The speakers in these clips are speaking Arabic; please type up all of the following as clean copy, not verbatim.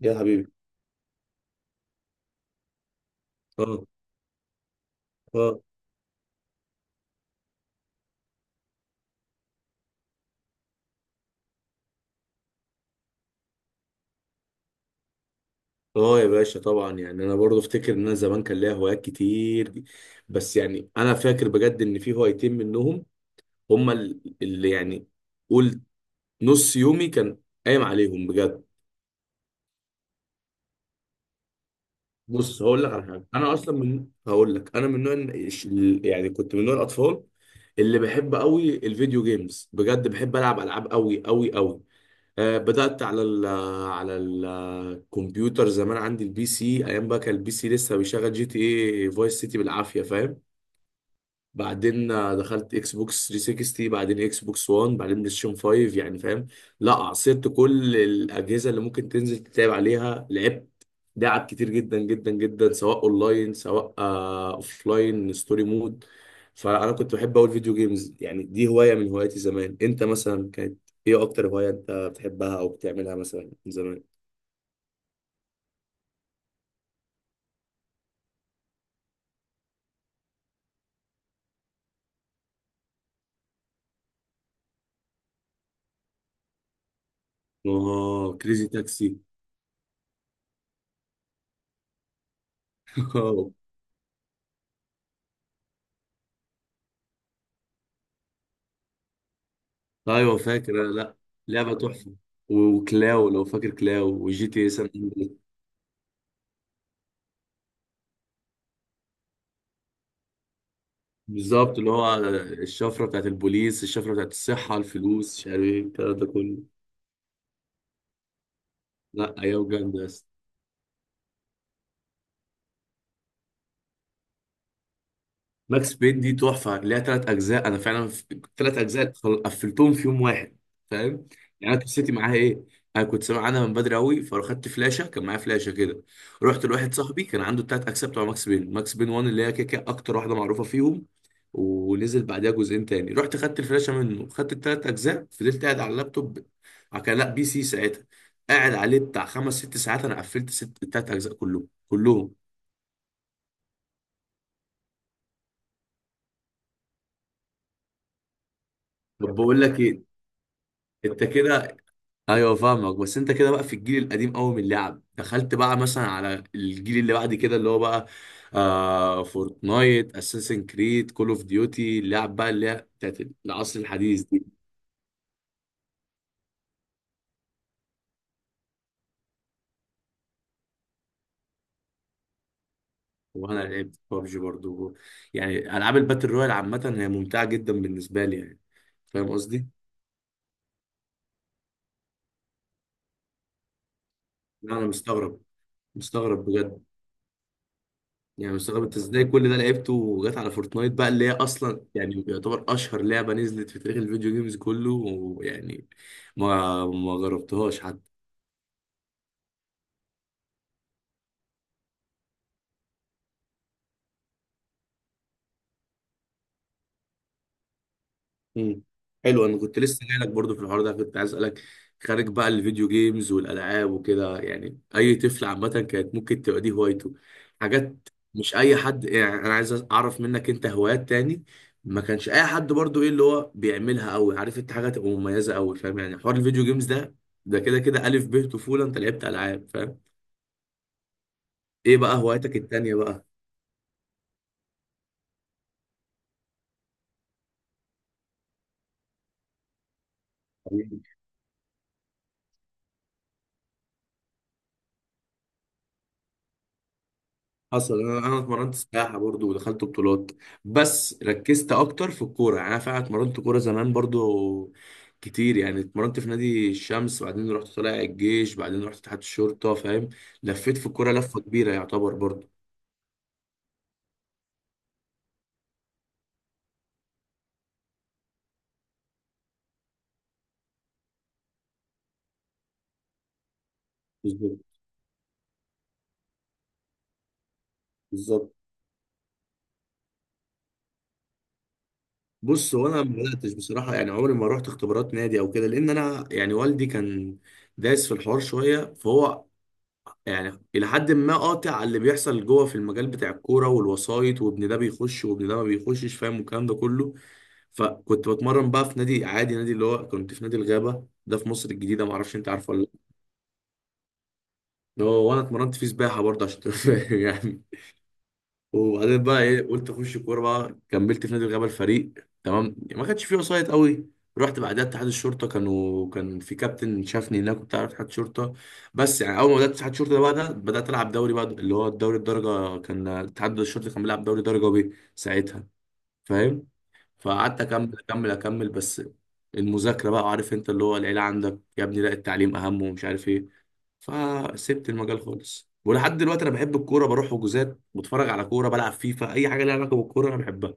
يا حبيبي. اه، اه، اه يا باشا، طبعا يعني انا برضو افتكر ان انا زمان كان ليا هوايات كتير دي. بس يعني انا فاكر بجد ان في هوايتين منهم هما اللي يعني قول نص يومي كان قايم عليهم بجد. بص هقول لك على حاجه، انا اصلا هقول لك انا من نوع يعني كنت من نوع الاطفال اللي بحب قوي الفيديو جيمز، بجد بحب العب العاب قوي قوي قوي. بدأت على على الكمبيوتر زمان، عندي البي سي. ايام بقى كان البي سي لسه بيشغل جي تي اي فايس سيتي بالعافية، فاهم. بعدين دخلت اكس بوكس 360، بعدين اكس بوكس 1، بعدين بلاي ستيشن 5، يعني فاهم. لا عصرت كل الاجهزه اللي ممكن تنزل تتابع عليها، لعبت لعب كتير جدا جدا جدا، سواء اونلاين سواء اوف لاين ستوري مود. فانا كنت بحب اقول فيديو جيمز، يعني دي هوايه من هواياتي زمان. انت مثلا كانت ايه اكتر هوايه انت بتحبها او بتعملها مثلا من زمان؟ اه، كريزي تاكسي. ايوه فاكر أنا، لا. لعبه تحفه، وكلاو لو فاكر كلاو وجي تي اس. بالظبط، اللي هو الشفره بتاعت البوليس، الشفره بتاعت الصحه، الفلوس، مش عارف ايه الكلام ده كله. لا، ايام جامده. ماكس بين دي تحفه، ليها ثلاث اجزاء، انا فعلا ثلاث اجزاء قفلتهم في يوم واحد، فاهم. يعني انا قصتي معاها ايه؟ انا كنت سامع عنها من بدري قوي، فاخدت فلاشه كان معايا فلاشه كده، رحت لواحد صاحبي كان عنده الثلاث اجزاء بتوع ماكس بين. ماكس بين 1 اللي هي كده كده اكتر واحده معروفه فيهم، ونزل بعدها جزئين تاني. رحت خدت الفلاشه منه، خدت الثلاث اجزاء، فضلت قاعد على اللابتوب، كان لا بي سي ساعتها، قاعد عليه بتاع خمس ست ساعات. انا قفلت ست الثلاث اجزاء كلهم كلهم. طب بقول لك ايه، انت كده، ايوه فاهمك، بس انت كده بقى في الجيل القديم قوي من اللعب، دخلت بقى مثلا على الجيل اللي بعد كده اللي هو بقى فورتنايت، اساسن كريد، كول اوف ديوتي، اللعب بقى اللي هي بتاعت العصر الحديث دي. وانا لعبت بابجي برضو، يعني العاب الباتل رويال عامه هي ممتعه جدا بالنسبه لي يعني. فاهم قصدي؟ لا، انا مستغرب، مستغرب بجد، يعني مستغرب انت ازاي كل ده لعبته وجات على فورتنايت بقى، اللي هي اصلا يعني يعتبر اشهر لعبه نزلت في تاريخ الفيديو جيمز كله، ويعني ما جربتهاش حتى. مم. حلو، انا كنت لسه جاي لك برضه في الحوار ده، كنت عايز اسالك خارج بقى الفيديو جيمز والالعاب وكده، يعني اي طفل عامه كانت ممكن تبقى دي هوايته، حاجات مش اي حد. يعني انا عايز اعرف منك انت هوايات تاني ما كانش اي حد برضه، ايه اللي هو بيعملها قوي، عارف، انت حاجه تبقى مميزه قوي، فاهم يعني؟ حوار الفيديو جيمز ده، ده كده كده الف ب طفوله، انت لعبت العاب، فاهم. ايه بقى هوايتك التانيه بقى؟ حصل، انا اتمرنت سباحه برضو ودخلت بطولات، بس ركزت اكتر في الكوره. يعني انا فعلا اتمرنت كوره زمان برضو كتير، يعني اتمرنت في نادي الشمس وبعدين رحت طالع الجيش، بعدين رحت تحت الشرطه فاهم. لفيت في الكوره لفه كبيره يعتبر برضو. بالظبط. بالظبط. بص هو انا ما بداتش بصراحه، يعني عمري ما رحت اختبارات نادي او كده، لان انا يعني والدي كان دايس في الحوار شويه، فهو يعني الى حد ما قاطع على اللي بيحصل جوه في المجال بتاع الكوره والوسايط، وابن ده بيخش وابن ده ما بيخشش، فاهم، والكلام ده كله. فكنت بتمرن بقى في نادي عادي، نادي اللي هو كنت في نادي الغابه ده في مصر الجديده، ما اعرفش انت عارفه ولا لا. اللي هو وانا اتمرنت فيه سباحه برضه، عشان تبقى فاهم يعني. وبعدين بقى ايه، قلت اخش كوره بقى، كملت في نادي الغابه الفريق، تمام، ما كانش فيه وسايط قوي. رحت بعدها اتحاد الشرطه، كانوا كان في كابتن شافني هناك، كنت عارف اتحاد شرطه. بس يعني اول ما بدات اتحاد الشرطه ده بقى، ده بدات العب دوري بقى اللي هو الدوري الدرجه. كان اتحاد الشرطه كان بيلعب دوري درجه بي ساعتها، فاهم. فقعدت اكمل اكمل اكمل، بس المذاكره بقى، عارف انت، اللي هو العيله عندك يا ابني لا التعليم اهم، ومش عارف ايه. فسبت المجال خالص ولحد دلوقتي انا بحب الكوره، بروح حجوزات، بتفرج على كوره، بلعب فيفا، اي حاجه ليها علاقه بالكوره انا بحبها.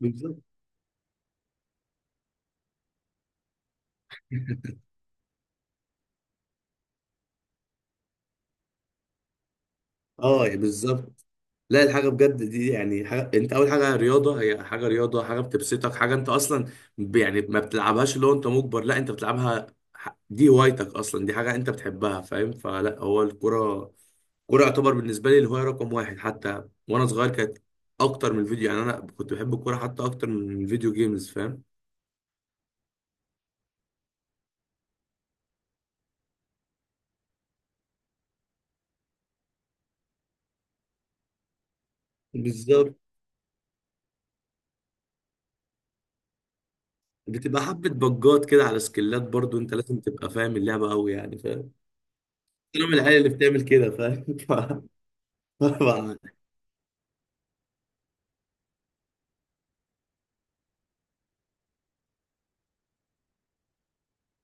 بالظبط. اه يعني بالظبط. لا، الحاجه بجد دي يعني حاجة. انت اول حاجه رياضه، هي حاجه رياضه، حاجه بتبسطك، حاجه انت اصلا يعني ما بتلعبهاش اللي هو انت مجبر، لا انت بتلعبها، دي هوايتك اصلا، دي حاجه انت بتحبها، فاهم. فلا هو الكوره. الكوره يعتبر بالنسبه لي الهوايه رقم واحد، حتى وانا صغير كانت اكتر من الفيديو، يعني انا كنت بحب الكوره حتى اكتر من الفيديو جيمز، فاهم. بالظبط. بتبقى حبة بجات كده على سكلات برضو، انت لازم تبقى فاهم اللعبة قوي يعني، فاهم. انا من العيال اللي بتعمل كده، فاهم. ف- ف-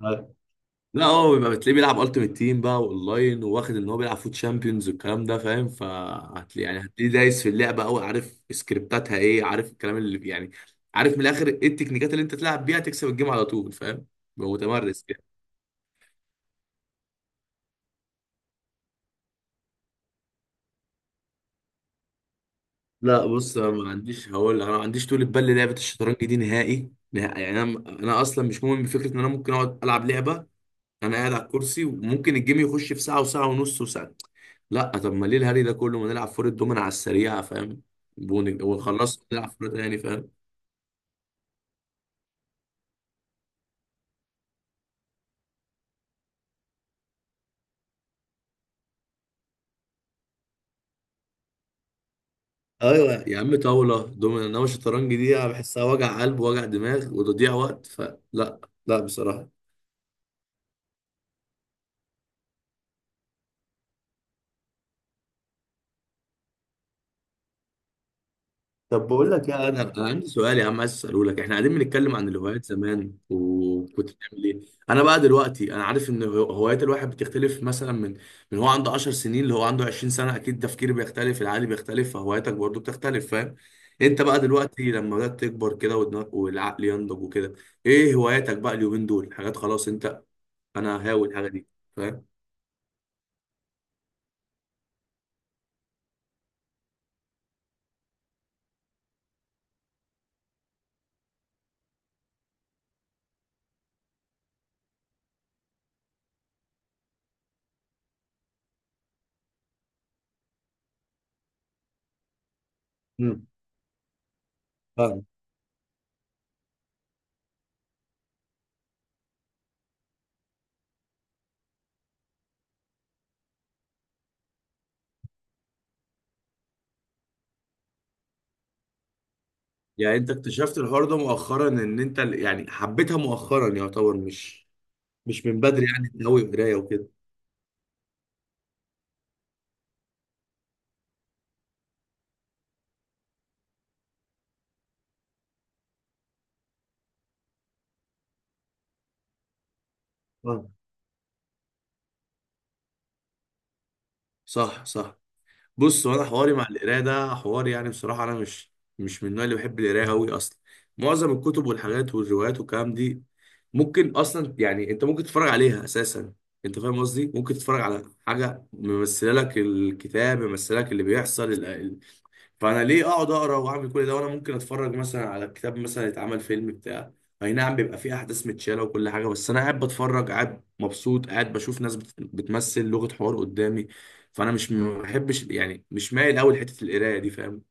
ف- لا، هو بيبقى بتلاقيه بيلعب التيمت تيم بقى اونلاين، وواخد ان هو بيلعب فوت شامبيونز والكلام ده، فاهم، فهتلاقي، يعني هتلاقيه دايس في اللعبة قوي، عارف سكريبتاتها ايه، عارف الكلام اللي يعني عارف من الاخر ايه التكنيكات اللي انت تلعب بيها تكسب الجيم على طول، فاهم. بيبقى متمرس. لا بص، انا ما عنديش، هقول انا ما عنديش طول بال للعبه الشطرنج دي نهائي نهائي، يعني انا انا اصلا مش مؤمن بفكره ان انا ممكن اقعد العب لعبه انا قاعد على الكرسي وممكن الجيم يخش في ساعه وساعه ونص وساعه. لا، طب ما ليه الهري ده كله، ما نلعب فور الدومين على السريع، فاهم، ونخلص نلعب فور تاني، فاهم. ايوه يا عم، طاوله دومين، انما الشطرنج دي أنا بحسها وجع قلب وجع دماغ وتضييع وقت، فلا. لا بصراحه. طب بقول لك يا ادهم، انا عندي سؤال يا عم، عايز اساله لك. احنا قاعدين بنتكلم عن الهوايات زمان وكنت بتعمل ايه. انا بقى دلوقتي انا عارف ان هوايات الواحد بتختلف مثلا، من هو عنده 10 سنين اللي هو عنده 20 سنه، اكيد تفكيري بيختلف، العقل بيختلف، فهواياتك برضو بتختلف فاهم. انت بقى دلوقتي لما بدات تكبر كده والعقل ينضج وكده، ايه هواياتك بقى اليومين دول، حاجات خلاص انت انا هاوي الحاجه دي، فاهم. امم فاهم. يعني انت اكتشفت الحوار ده مؤخرا، ان انت يعني حبيتها مؤخرا يعتبر، مش مش من بدري يعني، انت قوي قرايه وكده. اه. صح، صح. بص هو انا حواري مع القرايه ده حوار، يعني بصراحه انا مش من النوع اللي بحب القرايه قوي اصلا. معظم الكتب والحاجات والروايات والكلام دي ممكن اصلا يعني انت ممكن تتفرج عليها اساسا. انت فاهم قصدي، ممكن تتفرج على حاجه ممثله لك، الكتاب ممثله لك اللي بيحصل. فانا ليه اقعد اقرا واعمل كل ده وانا ممكن اتفرج مثلا على كتاب مثلا يتعمل فيلم بتاع، اي نعم بيبقى فيه احداث متشاله وكل حاجه، بس انا قاعد بتفرج، قاعد مبسوط، قاعد بشوف ناس بتمثل لغه حوار قدامي. فانا مش ما بحبش يعني، مش مايل قوي لحته القرايه دي، فاهم.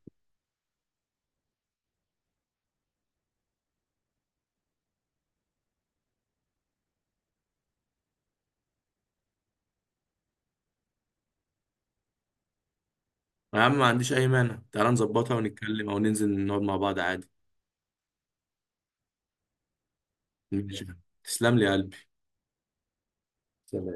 يا عم ما عنديش اي مانع، تعال نظبطها ونتكلم، او ننزل نقعد مع بعض عادي. ماشي. تسلم لي يا قلبي. سلام.